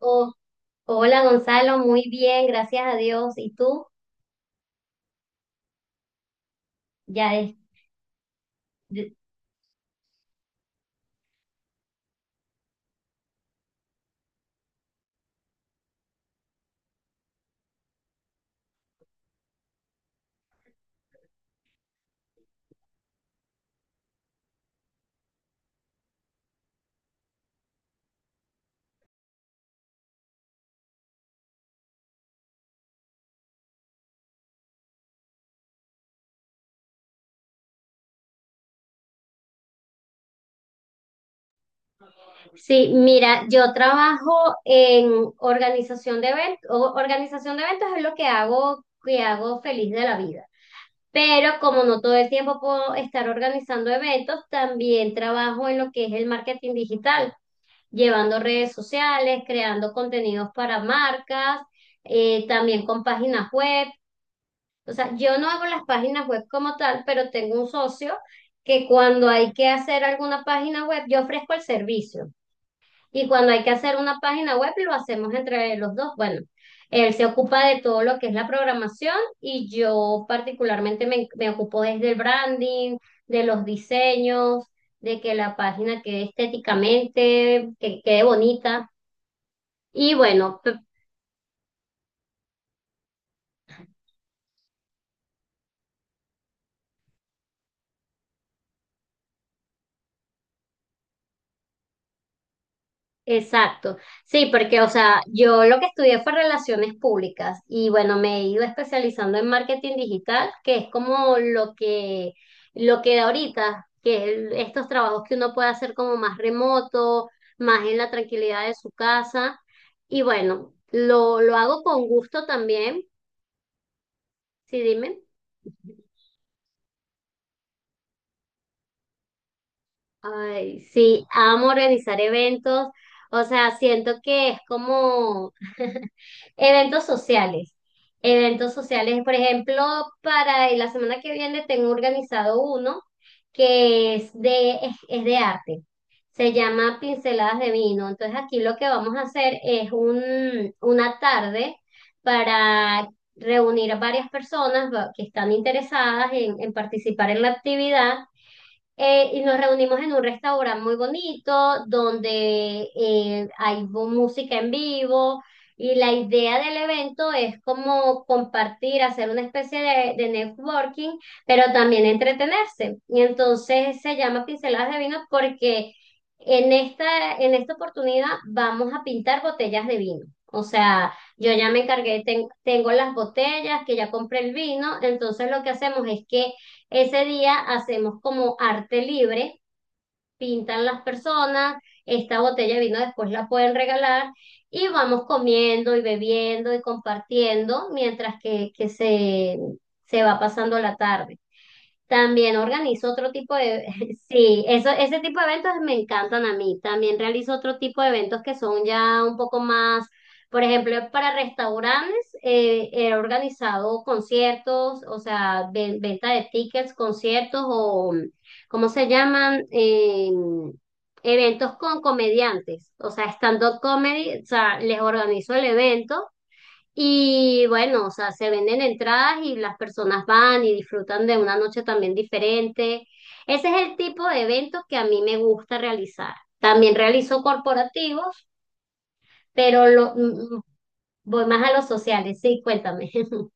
Oh, hola Gonzalo, muy bien, gracias a Dios. ¿Y tú? Ya es. de- Sí, mira, yo trabajo en organización de eventos. Organización de eventos es lo que hago feliz de la vida. Pero como no todo el tiempo puedo estar organizando eventos, también trabajo en lo que es el marketing digital, llevando redes sociales, creando contenidos para marcas, también con páginas web. O sea, yo no hago las páginas web como tal, pero tengo un socio que cuando hay que hacer alguna página web, yo ofrezco el servicio. Y cuando hay que hacer una página web, lo hacemos entre los dos. Bueno, él se ocupa de todo lo que es la programación y yo particularmente me ocupo desde el branding, de los diseños, de que la página quede estéticamente, que quede bonita. Y bueno, exacto. Sí, porque, o sea, yo lo que estudié fue relaciones públicas y bueno, me he ido especializando en marketing digital, que es como lo que da ahorita, estos trabajos que uno puede hacer como más remoto, más en la tranquilidad de su casa. Y bueno, lo hago con gusto también. Sí, dime. Ay, sí, amo organizar eventos. O sea, siento que es como eventos sociales. Eventos sociales, por ejemplo, para la semana que viene tengo organizado uno que es de arte. Se llama Pinceladas de Vino. Entonces aquí lo que vamos a hacer es una tarde para reunir a varias personas que están interesadas en participar en la actividad y nos reunimos en un restaurante muy bonito donde hay música en vivo y la idea del evento es como compartir, hacer una especie de networking, pero también entretenerse. Y entonces se llama Pinceladas de Vino porque en esta oportunidad vamos a pintar botellas de vino. O sea, yo ya me encargué, tengo las botellas, que ya compré el vino, entonces lo que hacemos es que ese día hacemos como arte libre, pintan las personas, esta botella de vino después la pueden regalar y vamos comiendo y bebiendo y compartiendo mientras que se va pasando la tarde. También organizo otro tipo de, sí, eso, ese tipo de eventos me encantan a mí. También realizo otro tipo de eventos que son ya un poco más, por ejemplo, para restaurantes, he organizado conciertos, o sea, venta de tickets, conciertos o, ¿cómo se llaman? Eventos con comediantes, o sea, stand-up comedy, o sea, les organizo el evento. Y bueno, o sea, se venden entradas y las personas van y disfrutan de una noche también diferente. Ese es el tipo de eventos que a mí me gusta realizar. También realizo corporativos, pero lo, voy más a los sociales. Sí, cuéntame.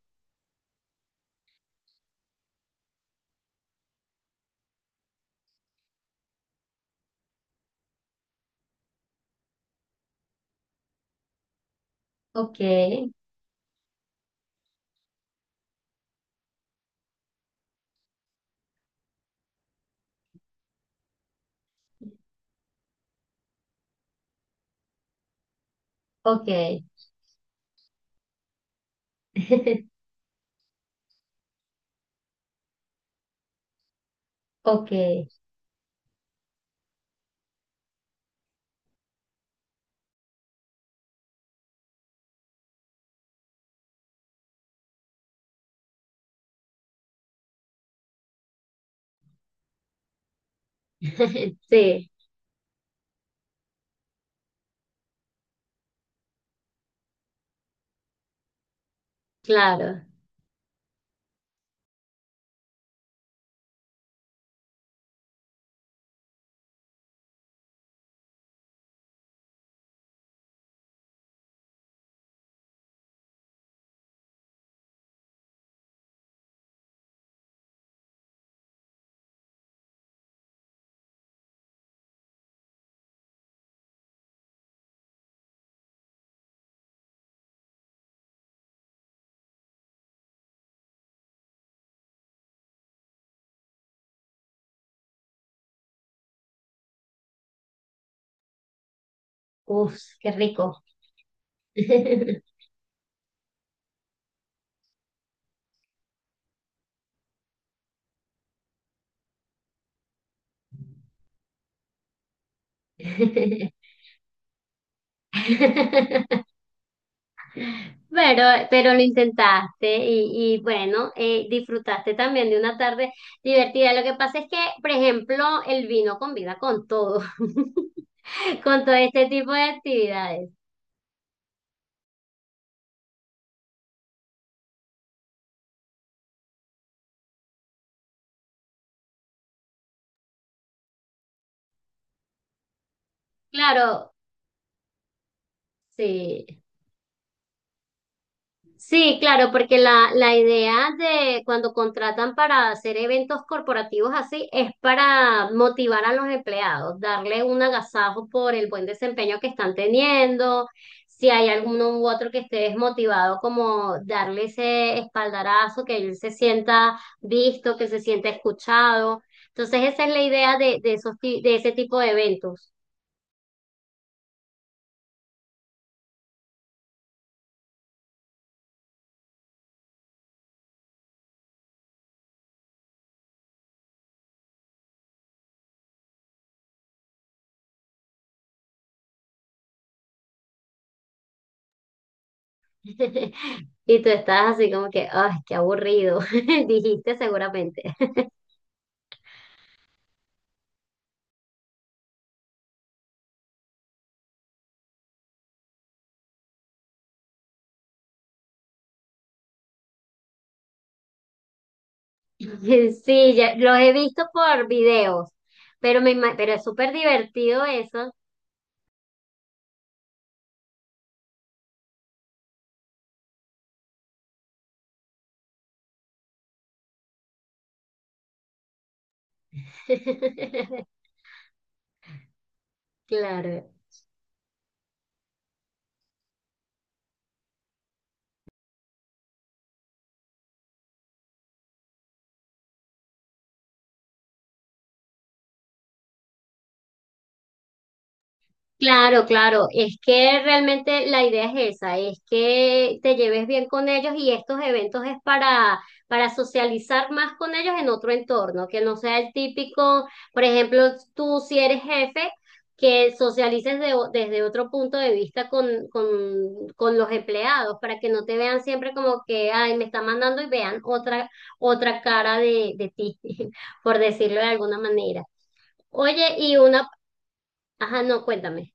Ok, ok, ok. Sí, claro. Uf, qué rico. Pero, pero lo intentaste y bueno, disfrutaste también de una tarde divertida. Lo que pasa es que, por ejemplo, el vino combina con todo, con todo este tipo de actividades. Claro, sí. Sí, claro, porque la idea de cuando contratan para hacer eventos corporativos así es para motivar a los empleados, darle un agasajo por el buen desempeño que están teniendo, si hay alguno u otro que esté desmotivado, como darle ese espaldarazo, que él se sienta visto, que se sienta escuchado. Entonces esa es la idea de esos, de ese tipo de eventos. Y tú estás así como que, ay, qué aburrido, dijiste seguramente. Sí, ya, los he visto por videos, pero, pero es súper divertido eso. Claro. Claro, claro, es que realmente la idea es esa, es que te lleves bien con ellos y estos eventos es para socializar más con ellos en otro entorno, que no sea el típico, por ejemplo, tú si eres jefe, que socialices desde otro punto de vista con los empleados, para que no te vean siempre como que, ay, me está mandando y vean otra, otra cara de ti, por decirlo de alguna manera. Oye, y una, ajá, no, cuéntame.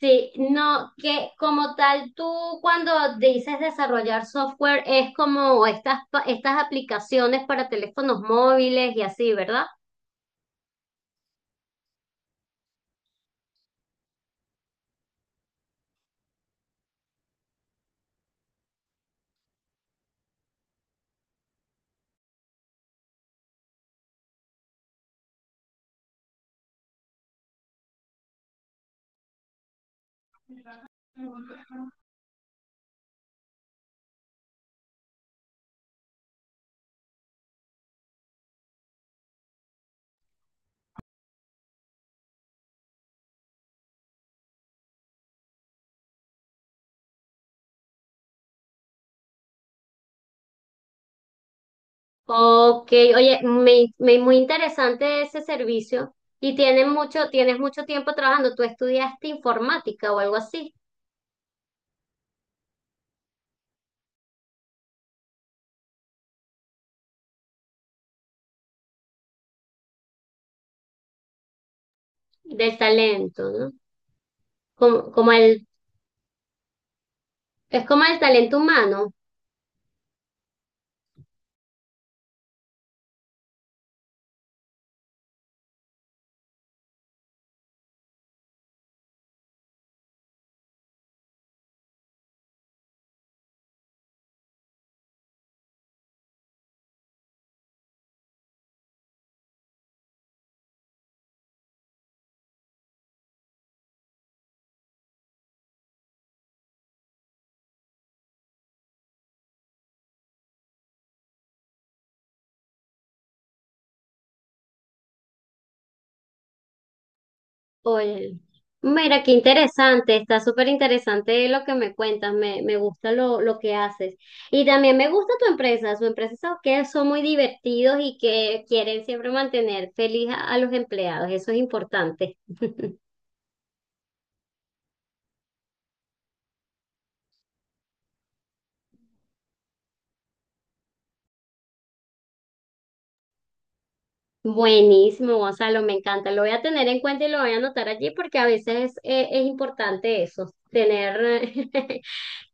Sí, no, que como tal, tú cuando dices desarrollar software es como estas, estas aplicaciones para teléfonos móviles y así, ¿verdad? Ok, oye, muy interesante ese servicio y tienen mucho, tienes mucho tiempo trabajando. Tú estudiaste informática o algo así, del talento, ¿no? Como, como el, es como el talento humano. Oye, mira, qué interesante, está súper interesante lo que me cuentas, me gusta lo que haces. Y también me gusta tu empresa, su empresa son que son muy divertidos y que quieren siempre mantener feliz a los empleados, eso es importante. Buenísimo, Gonzalo, me encanta, lo voy a tener en cuenta y lo voy a anotar allí porque a veces es importante eso, tener,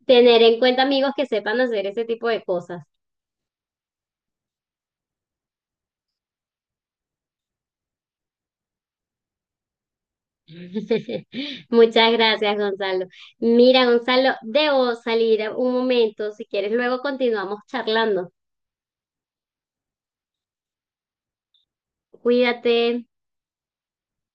tener en cuenta amigos que sepan hacer ese tipo de cosas. Muchas gracias, Gonzalo. Mira, Gonzalo, debo salir un momento. Si quieres, luego continuamos charlando. Cuídate.